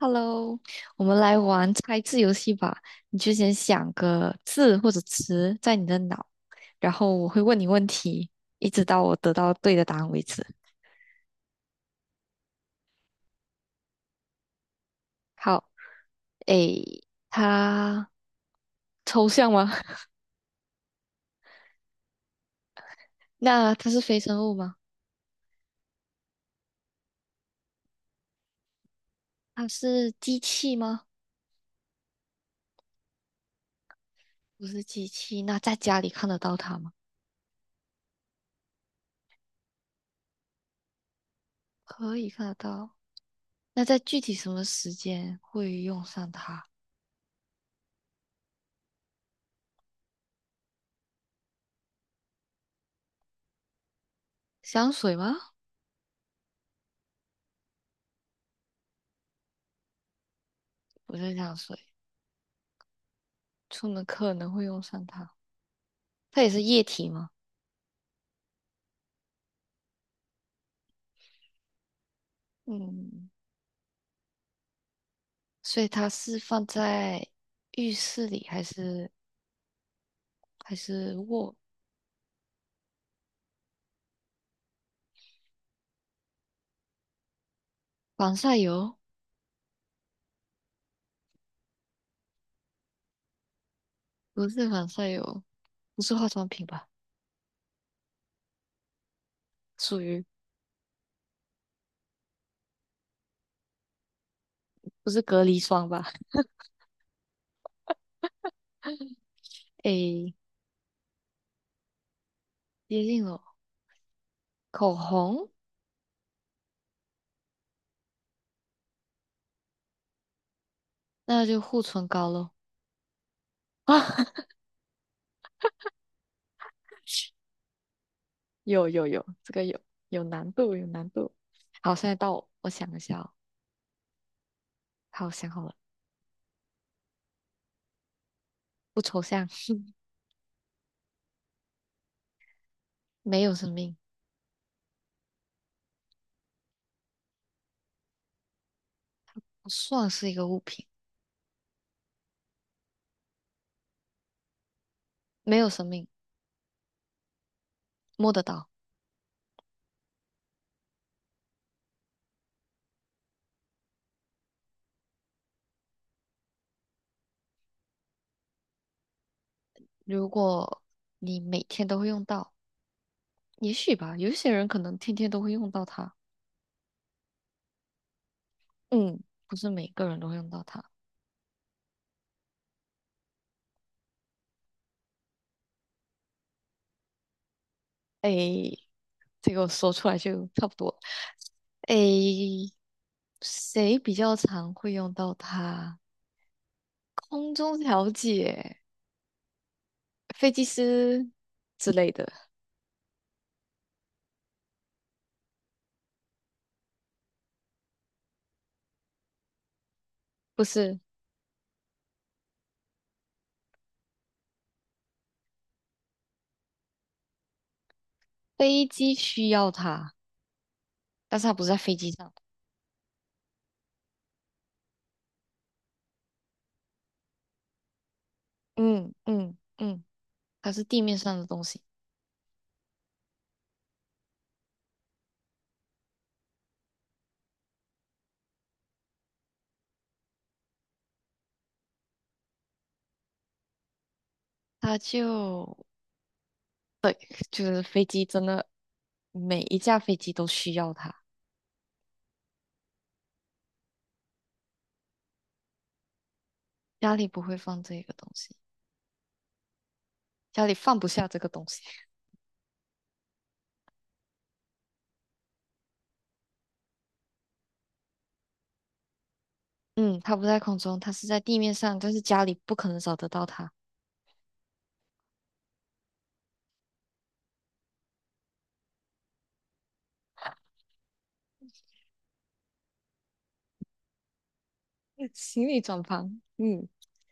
Hello，我们来玩猜字游戏吧。你就先想个字或者词在你的脑，然后我会问你问题，一直到我得到对的答案为止。好，诶，它抽象吗？那它是非生物吗？它是机器吗？不是机器。那在家里看得到它吗？可以看得到。那在具体什么时间会用上它？香水吗？不是香水，出门可能会用上它。它也是液体吗？嗯，所以它是放在浴室里还是卧？防晒油？不是防晒油，不是化妆品吧？属于不是隔离霜吧？诶，接近了，口红，那就护唇膏喽。啊，有有有，这个有难度，有难度。好，现在到我，我想一下哦。好，想好了，不抽象，没有生命，不算是一个物品，没有生命，摸得到。如果你每天都会用到，也许吧，有些人可能天天都会用到它，嗯，不是每个人都会用到它。诶，这个我说出来就差不多了。诶，谁比较常会用到它？空中调节、飞机师之类的，不是，飞机需要它，但是它不是在飞机上，嗯嗯嗯，它是地面上的东西，它就是飞机真的。每一架飞机都需要它。家里不会放这个东西，家里放不下这个东西。嗯，它不在空中，它是在地面上，但是家里不可能找得到它。行李转盘，嗯，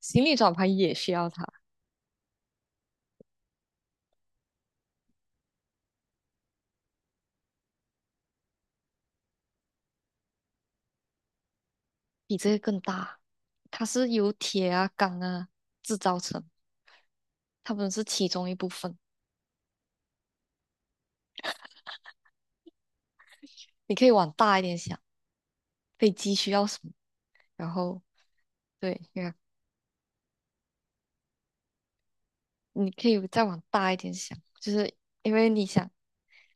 行李转盘也需要它，比这个更大。它是由铁啊、钢啊制造成，它们是其中一部分。你可以往大一点想，飞机需要什么？然后，对，你看你可以再往大一点想，就是因为你想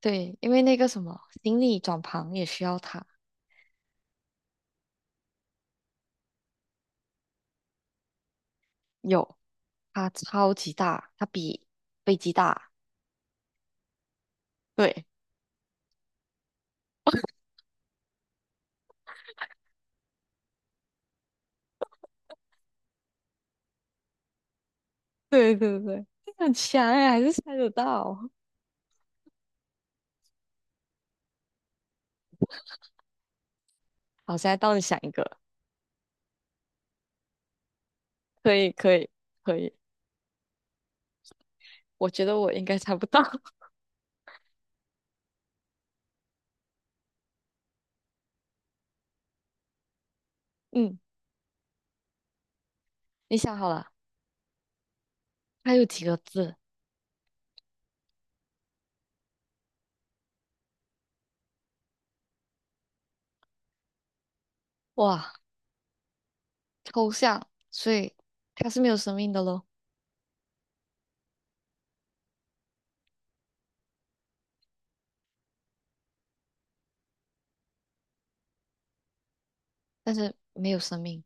对，因为那个什么行李转盘也需要它，有，它超级大，它比飞机大。对，对对对，很强哎，还是猜得到。好，现在到底想一个，可以可以可以，我觉得我应该猜不到。嗯，你想好了，它有几个字？哇，抽象，所以它是没有生命的咯，但是没有生命，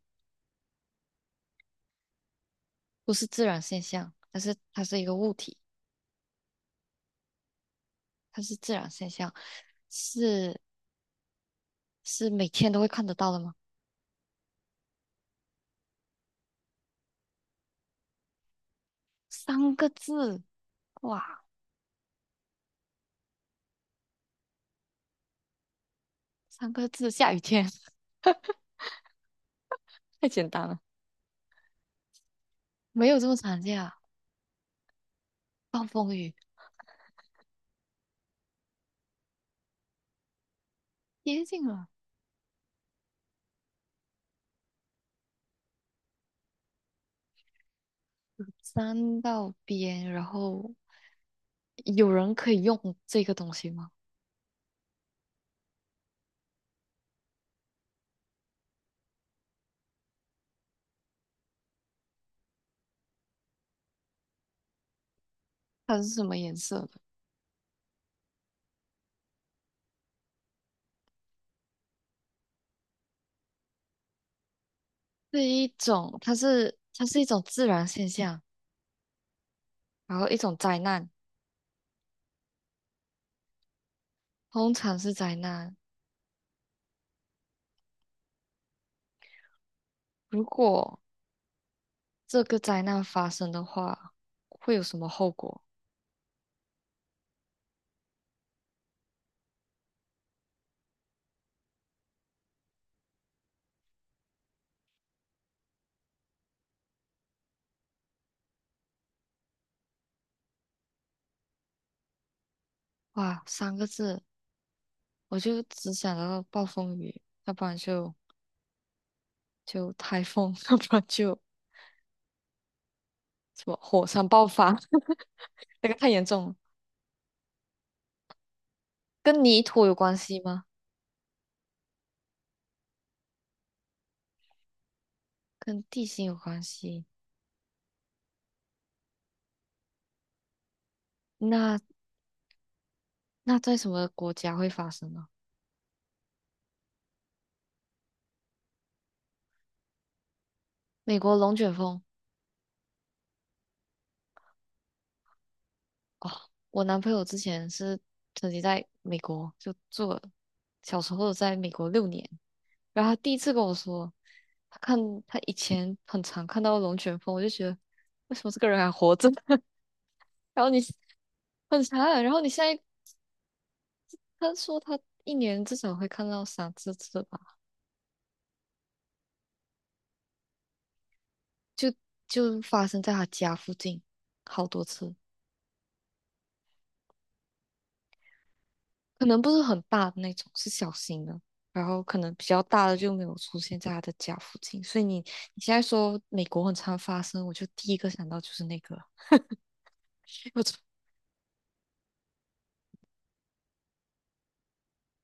不是自然现象，但是它是一个物体，它是自然现象，是是每天都会看得到的吗？三个字，哇，三个字，下雨天，太简单了，没有这么常见啊。暴风雨接近了，山道边，然后有人可以用这个东西吗？它是什么颜色的？是一种，它是一种自然现象，然后一种灾难，通常是灾难。如果这个灾难发生的话，会有什么后果？哇，三个字，我就只想到暴风雨，要不然就台风，要不然就什么火山爆发，那个太严重了。跟泥土有关系吗？跟地形有关系。那那在什么国家会发生呢？美国龙卷风哦，我男朋友之前是曾经在美国就住了，小时候在美国6年，然后他第一次跟我说，他看他以前很常看到龙卷风，我就觉得为什么这个人还活着？然后你很长。然后你现在他说他1年至少会看到3、4次吧，就就发生在他家附近好多次，可能不是很大的那种，是小型的。然后可能比较大的就没有出现在他的家附近，所以你现在说美国很常发生，我就第一个想到就是那个，我从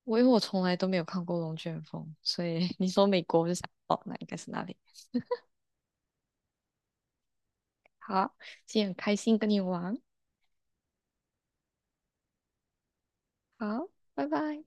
因为我从来都没有看过龙卷风，所以你说美国我就想哦，那应该是那里。好，今天很开心跟你玩，好，拜拜。